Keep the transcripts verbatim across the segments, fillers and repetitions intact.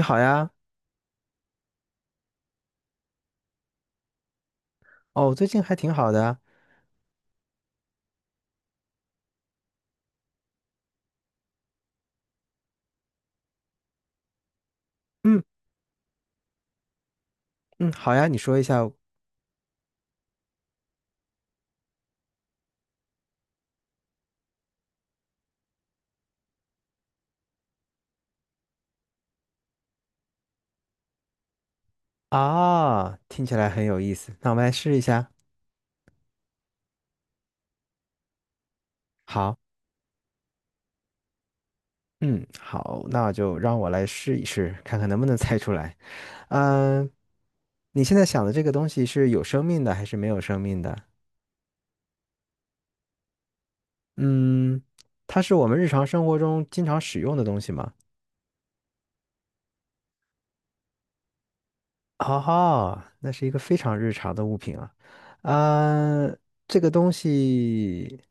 你好呀。哦，最近还挺好的啊。嗯嗯，好呀，你说一下。啊，听起来很有意思，那我们来试一下。好。嗯，好，那就让我来试一试，看看能不能猜出来。嗯，你现在想的这个东西是有生命的还是没有生命的？嗯，它是我们日常生活中经常使用的东西吗？哦，那是一个非常日常的物品啊。啊，这个东西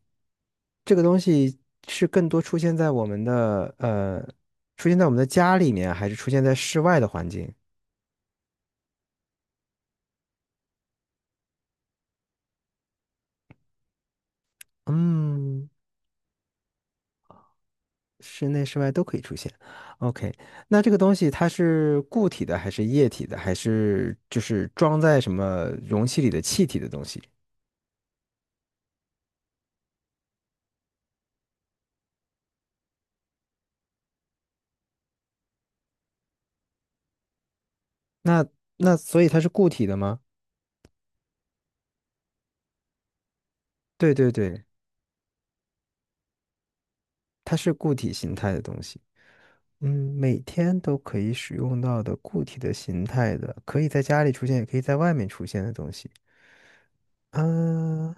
这个东西是更多出现在我们的呃，出现在我们的家里面，还是出现在室外的环境？嗯，室内室外都可以出现。OK,那这个东西它是固体的，还是液体的，还是就是装在什么容器里的气体的东西？那那所以它是固体的吗？对对对，它是固体形态的东西。嗯，每天都可以使用到的固体的形态的，可以在家里出现，也可以在外面出现的东西。嗯，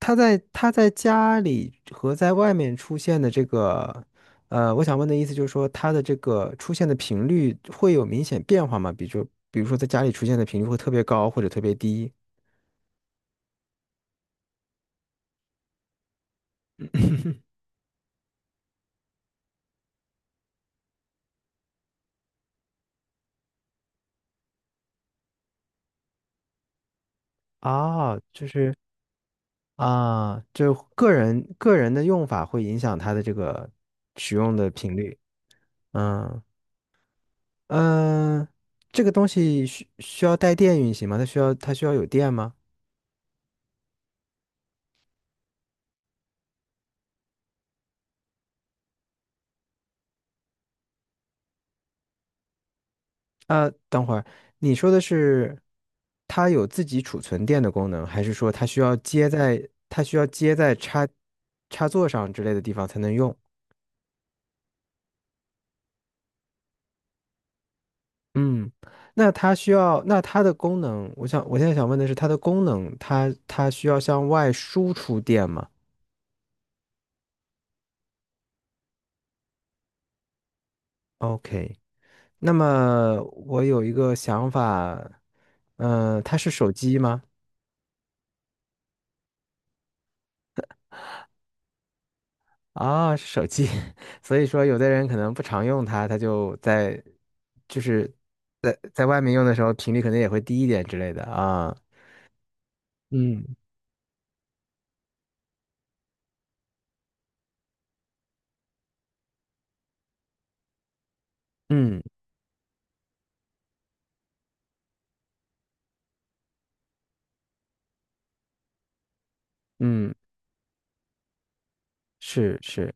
他在他在家里和在外面出现的这个，呃，我想问的意思就是说，他的这个出现的频率会有明显变化吗？比如说比如说在家里出现的频率会特别高或者特别低。啊？这啊，就个人个人的用法会影响他的这个使用的频率。嗯嗯，这个东西需需要带电运行吗？它需要它需要有电吗？呃，等会儿，你说的是它有自己储存电的功能，还是说它需要接在它需要接在插插座上之类的地方才能用？嗯，那它需要，那它的功能，我想我现在想问的是它的功能，它它需要向外输出电吗？OK,那么我有一个想法。嗯、它是手机吗？啊，是手机。所以说有的人可能不常用它，它就在就是在在外面用的时候频率可能也会低一点之类的啊。嗯，嗯嗯，是是。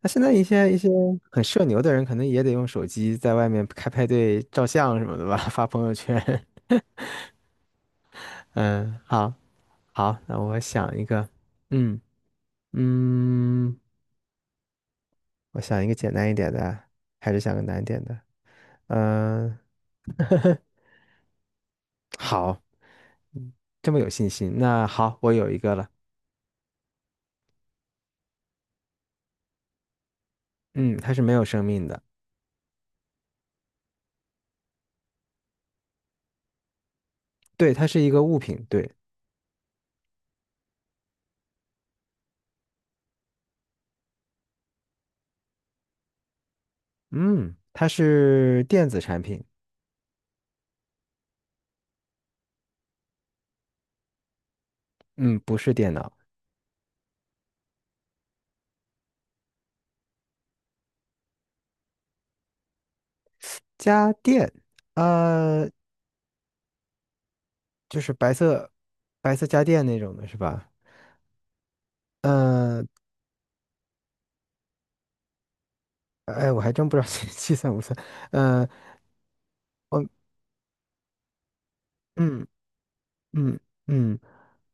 那现在一些一些很社牛的人，可能也得用手机在外面开派对、照相什么的吧，发朋友圈。嗯，好。好，那我想一个。嗯嗯，我想一个简单一点的，还是想个难一点的？嗯，好，这么有信心。那好，我有一个了。嗯，它是没有生命的。对，它是一个物品。对。嗯，它是电子产品。嗯，不是电脑。家电。呃，就是白色，白色家电那种的是吧？嗯呃，哎，我还真不知道计计算不算。呃，我嗯嗯嗯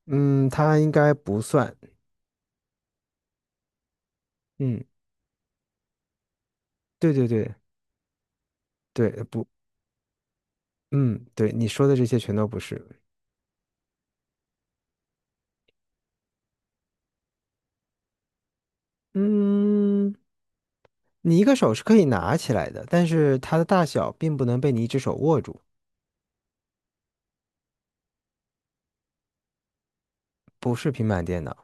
嗯，它应该不算。嗯，对对对对，不。嗯，对，你说的这些全都不是。嗯。你一个手是可以拿起来的，但是它的大小并不能被你一只手握住。不是平板电脑。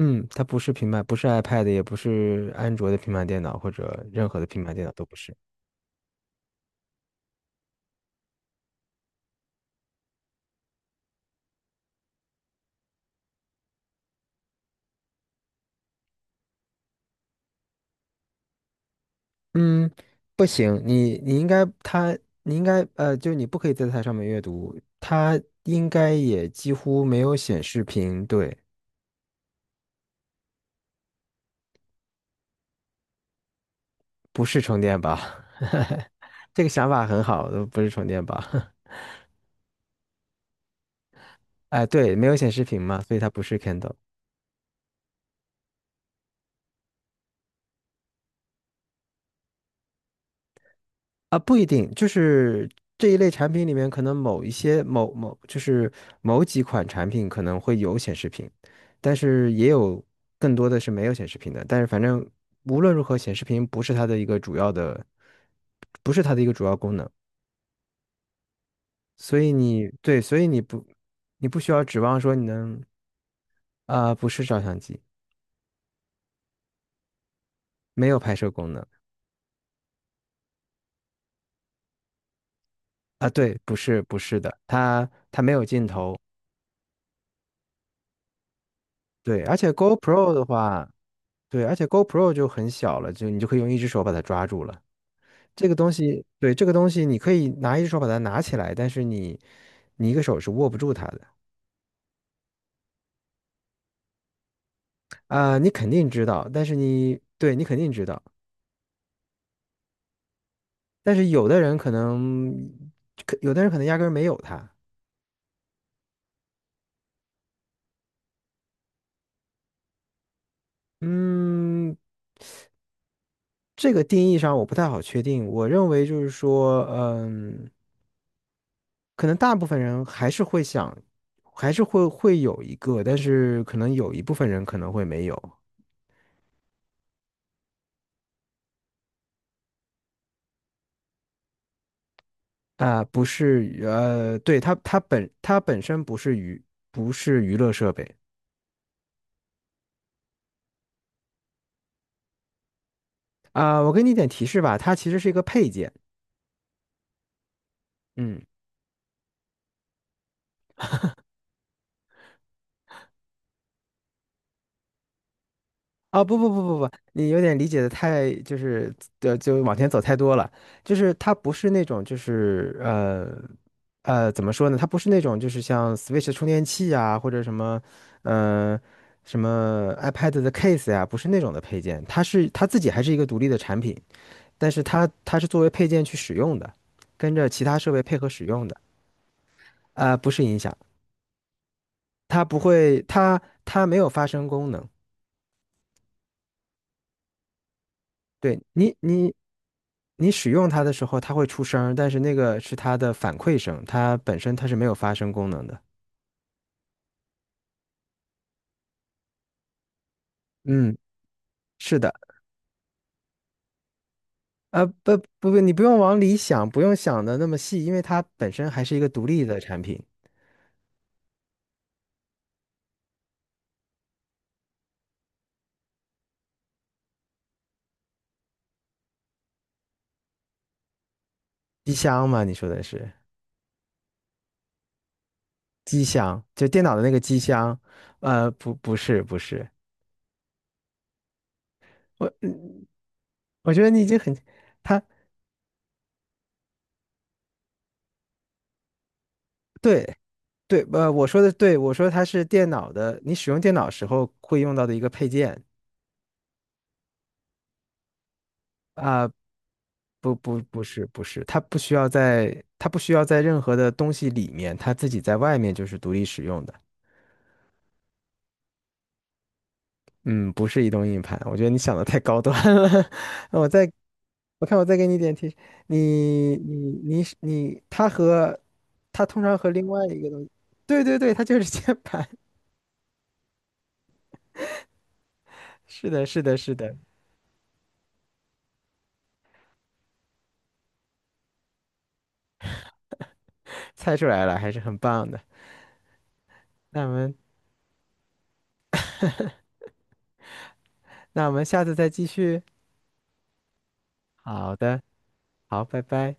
嗯，它不是平板，不是 iPad,也不是安卓的平板电脑，或者任何的平板电脑都不是。嗯，不行，你你应该它，你应该呃，就你不可以在它上面阅读，它应该也几乎没有显示屏。对，不是充电宝。这个想法很好，不是充电宝。哎，对，没有显示屏嘛，所以它不是 Kindle。啊，不一定，就是这一类产品里面，可能某一些某某就是某几款产品可能会有显示屏，但是也有更多的是没有显示屏的。但是反正无论如何，显示屏不是它的一个主要的，不是它的一个主要功能。所以你对，所以你不你不需要指望说你能。啊、不是照相机。没有拍摄功能。啊，对，不是不是的，它它没有镜头。对，而且 GoPro 的话。对，而且 GoPro 就很小了，就你就可以用一只手把它抓住了。这个东西，对，这个东西你可以拿一只手把它拿起来，但是你你一个手是握不住它的。啊、你肯定知道，但是你对你肯定知道，但是有的人可能，可有的人可能压根儿没有它。嗯，这个定义上我不太好确定。我认为就是说，嗯，可能大部分人还是会想，还是会会有一个，但是可能有一部分人可能会没有。啊、不是娱呃，对，它它本它本身不是娱，不是娱乐设备。啊、我给你一点提示吧，它其实是一个配件。嗯。啊、不不不不不，你有点理解的太就是呃就往前走太多了。就是它不是那种就是呃呃怎么说呢？它不是那种就是像 Switch 充电器啊，或者什么呃什么 iPad 的 case 呀、不是那种的配件，它是它自己还是一个独立的产品。但是它它是作为配件去使用的，跟着其他设备配合使用的。啊、不是音响。它不会，它它没有发声功能。对你你你使用它的时候，它会出声儿但是那个是它的反馈声，它本身它是没有发声功能的。嗯，是的。呃，不不不，你不用往里想，不用想的那么细，因为它本身还是一个独立的产品。机箱嘛，你说的是机箱，就电脑的那个机箱。呃，不不是不是。我我觉得你已经很，他对对，呃，我说的对，我说它是电脑的，你使用电脑时候会用到的一个配件。啊，不不不是不是，它不需要在它不需要在任何的东西里面，它自己在外面就是独立使用的。嗯，不是移动硬盘，我觉得你想的太高端了。我再我看我再给你一点提示。你你你是你，它和它通常和另外一个东西。对对对，它就是 键盘。是的是的是的。猜出来了，还是很棒的。那我们那我们下次再继续。好的，好，拜拜。